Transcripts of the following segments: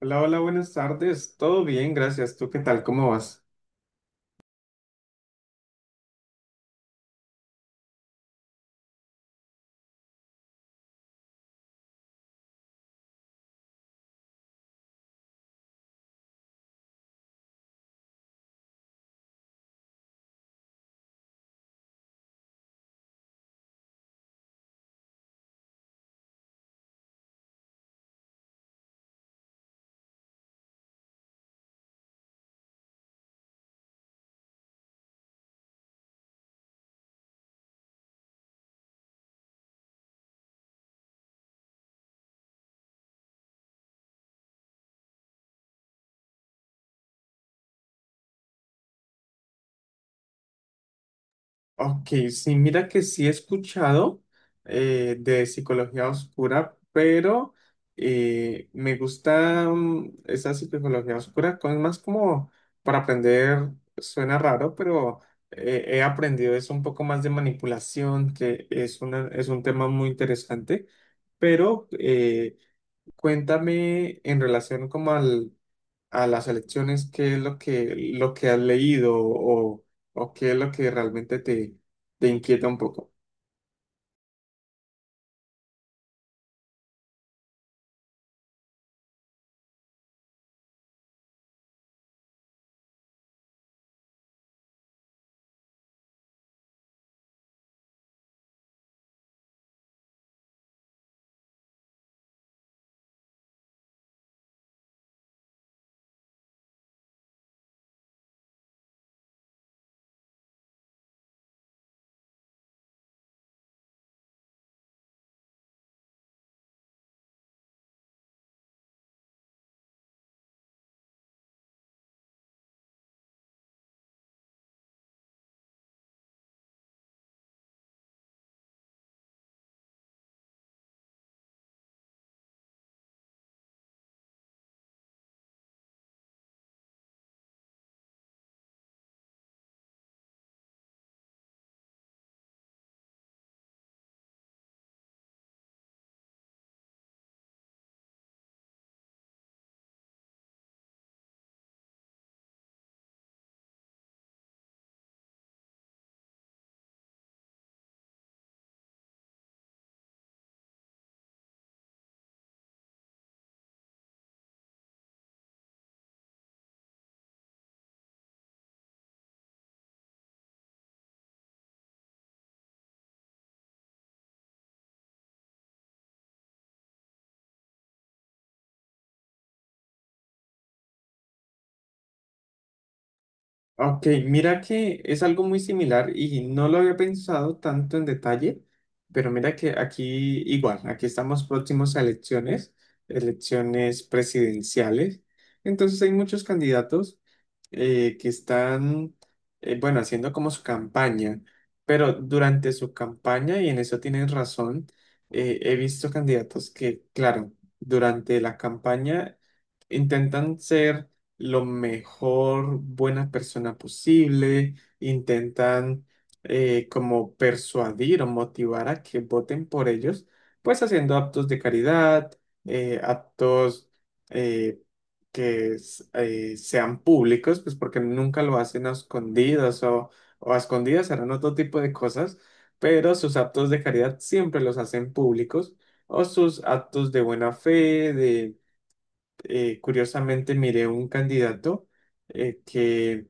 Hola, buenas tardes. Todo bien, gracias. ¿Tú qué tal? ¿Cómo vas? Ok, sí, mira que sí he escuchado de psicología oscura, pero me gusta esa psicología oscura, con más como para aprender, suena raro, pero he aprendido eso un poco más de manipulación, que es un tema muy interesante, pero cuéntame en relación como a las elecciones, qué es lo que has leído o qué es lo que realmente te inquieta un poco. Ok, mira que es algo muy similar y no lo había pensado tanto en detalle, pero mira que aquí igual, aquí estamos próximos a elecciones, elecciones presidenciales. Entonces hay muchos candidatos que bueno, haciendo como su campaña, pero durante su campaña, y en eso tienen razón, he visto candidatos que, claro, durante la campaña intentan ser lo mejor buena persona posible, intentan como persuadir o motivar a que voten por ellos, pues haciendo actos de caridad, actos eh, que sean públicos, pues porque nunca lo hacen a escondidas o a escondidas harán otro tipo de cosas, pero sus actos de caridad siempre los hacen públicos o sus actos de buena fe. Curiosamente miré un candidato que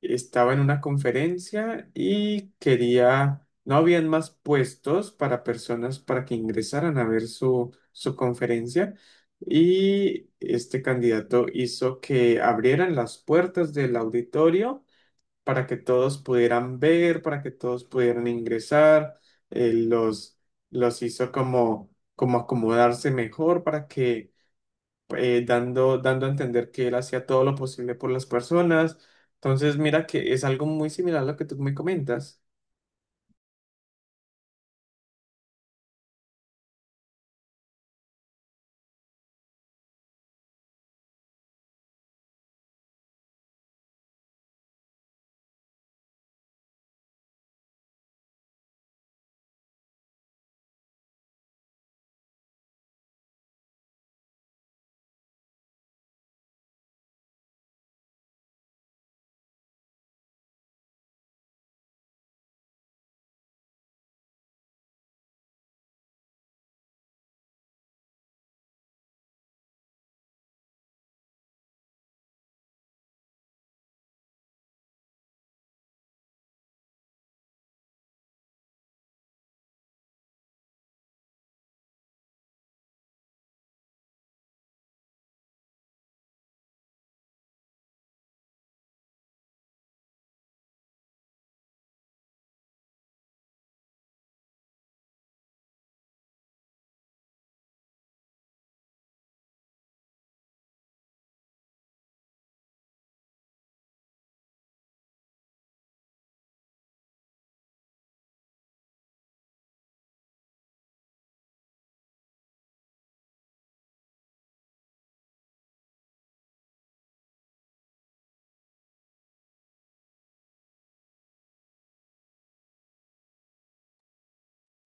estaba en una conferencia y quería, no habían más puestos para personas para que ingresaran a ver su conferencia y este candidato hizo que abrieran las puertas del auditorio para que todos pudieran ver, para que todos pudieran ingresar, eh, los, los hizo como acomodarse mejor para que dando a entender que él hacía todo lo posible por las personas. Entonces, mira que es algo muy similar a lo que tú me comentas.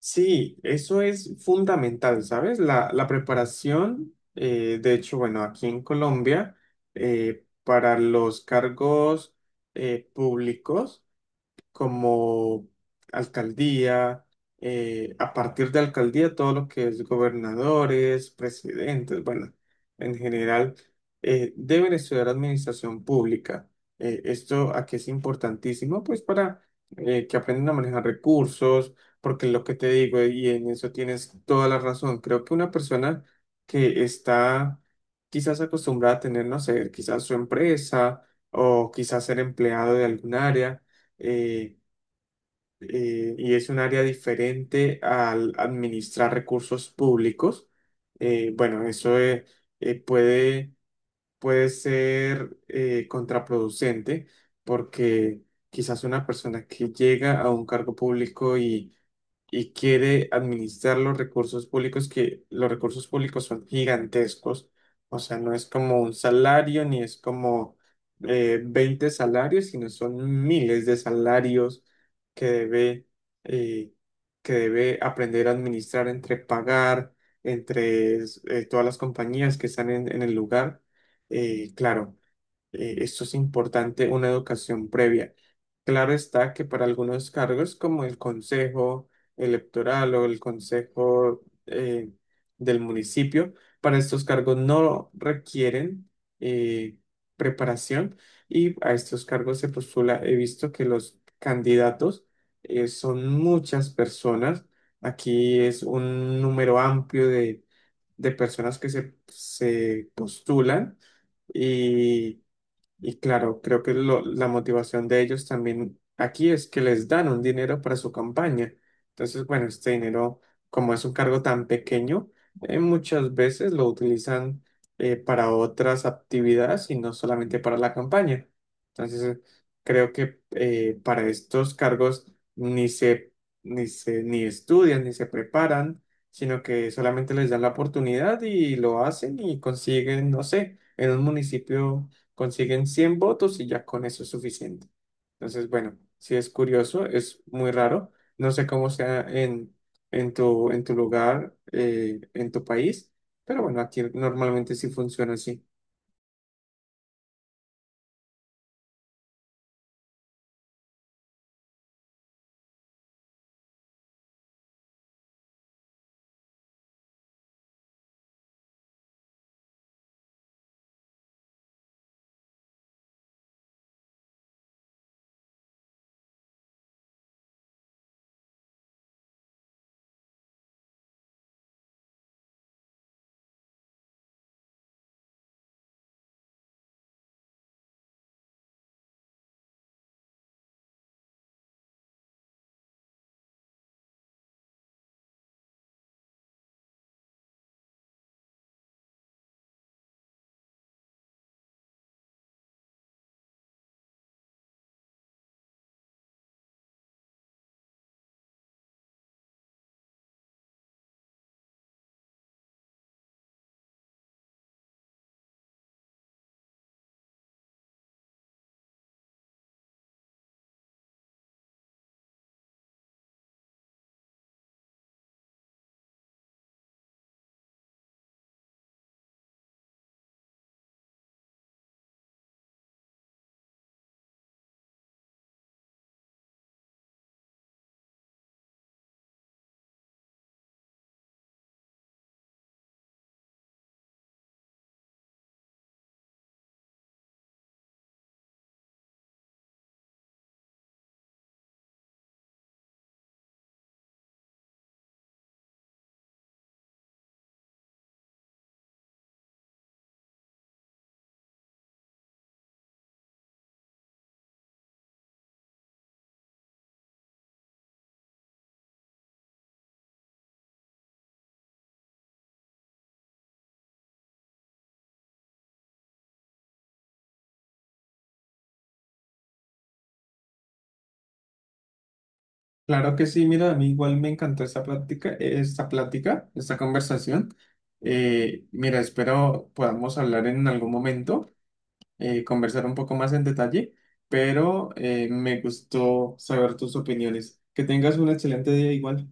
Sí, eso es fundamental, ¿sabes? La preparación, de hecho, bueno, aquí en Colombia, para los cargos públicos, como alcaldía, a partir de alcaldía todo lo que es gobernadores, presidentes, bueno, en general, deben estudiar administración pública. Esto aquí es importantísimo, pues para que aprendan a manejar recursos, porque lo que te digo, y en eso tienes toda la razón, creo que una persona que está quizás acostumbrada a tener, no sé, quizás su empresa o quizás ser empleado de algún área, eh, y es un área diferente al administrar recursos públicos. Bueno, eso eh, puede, puede ser contraproducente porque quizás una persona que llega a un cargo público y quiere administrar los recursos públicos, que los recursos públicos son gigantescos. O sea, no es como un salario ni es como 20 salarios, sino son miles de salarios que debe, eh, que debe aprender a administrar entre pagar, entre todas las compañías que están en el lugar. Claro. Esto es importante, una educación previa. Claro está que para algunos cargos como el Consejo Electoral o el Consejo del municipio, para estos cargos no requieren eh, preparación y a estos cargos se postula, he visto que los candidatos son muchas personas. Aquí es un número amplio de personas que se postulan y y claro, creo que la motivación de ellos también aquí es que les dan un dinero para su campaña. Entonces, bueno, este dinero, como es un cargo tan pequeño, muchas veces lo utilizan para otras actividades y no solamente para la campaña. Entonces, creo que para estos cargos ni se, ni estudian, ni se preparan, sino que solamente les dan la oportunidad y lo hacen y consiguen, no sé, en un municipio consiguen 100 votos y ya con eso es suficiente. Entonces, bueno, sí es curioso, es muy raro. No sé cómo sea en en tu lugar, en tu país, pero bueno, aquí normalmente sí funciona así. Claro que sí, mira, a mí igual me encantó esta plática, esta conversación. Mira, espero podamos hablar en algún momento, conversar un poco más en detalle, pero me gustó saber tus opiniones. Que tengas un excelente día igual.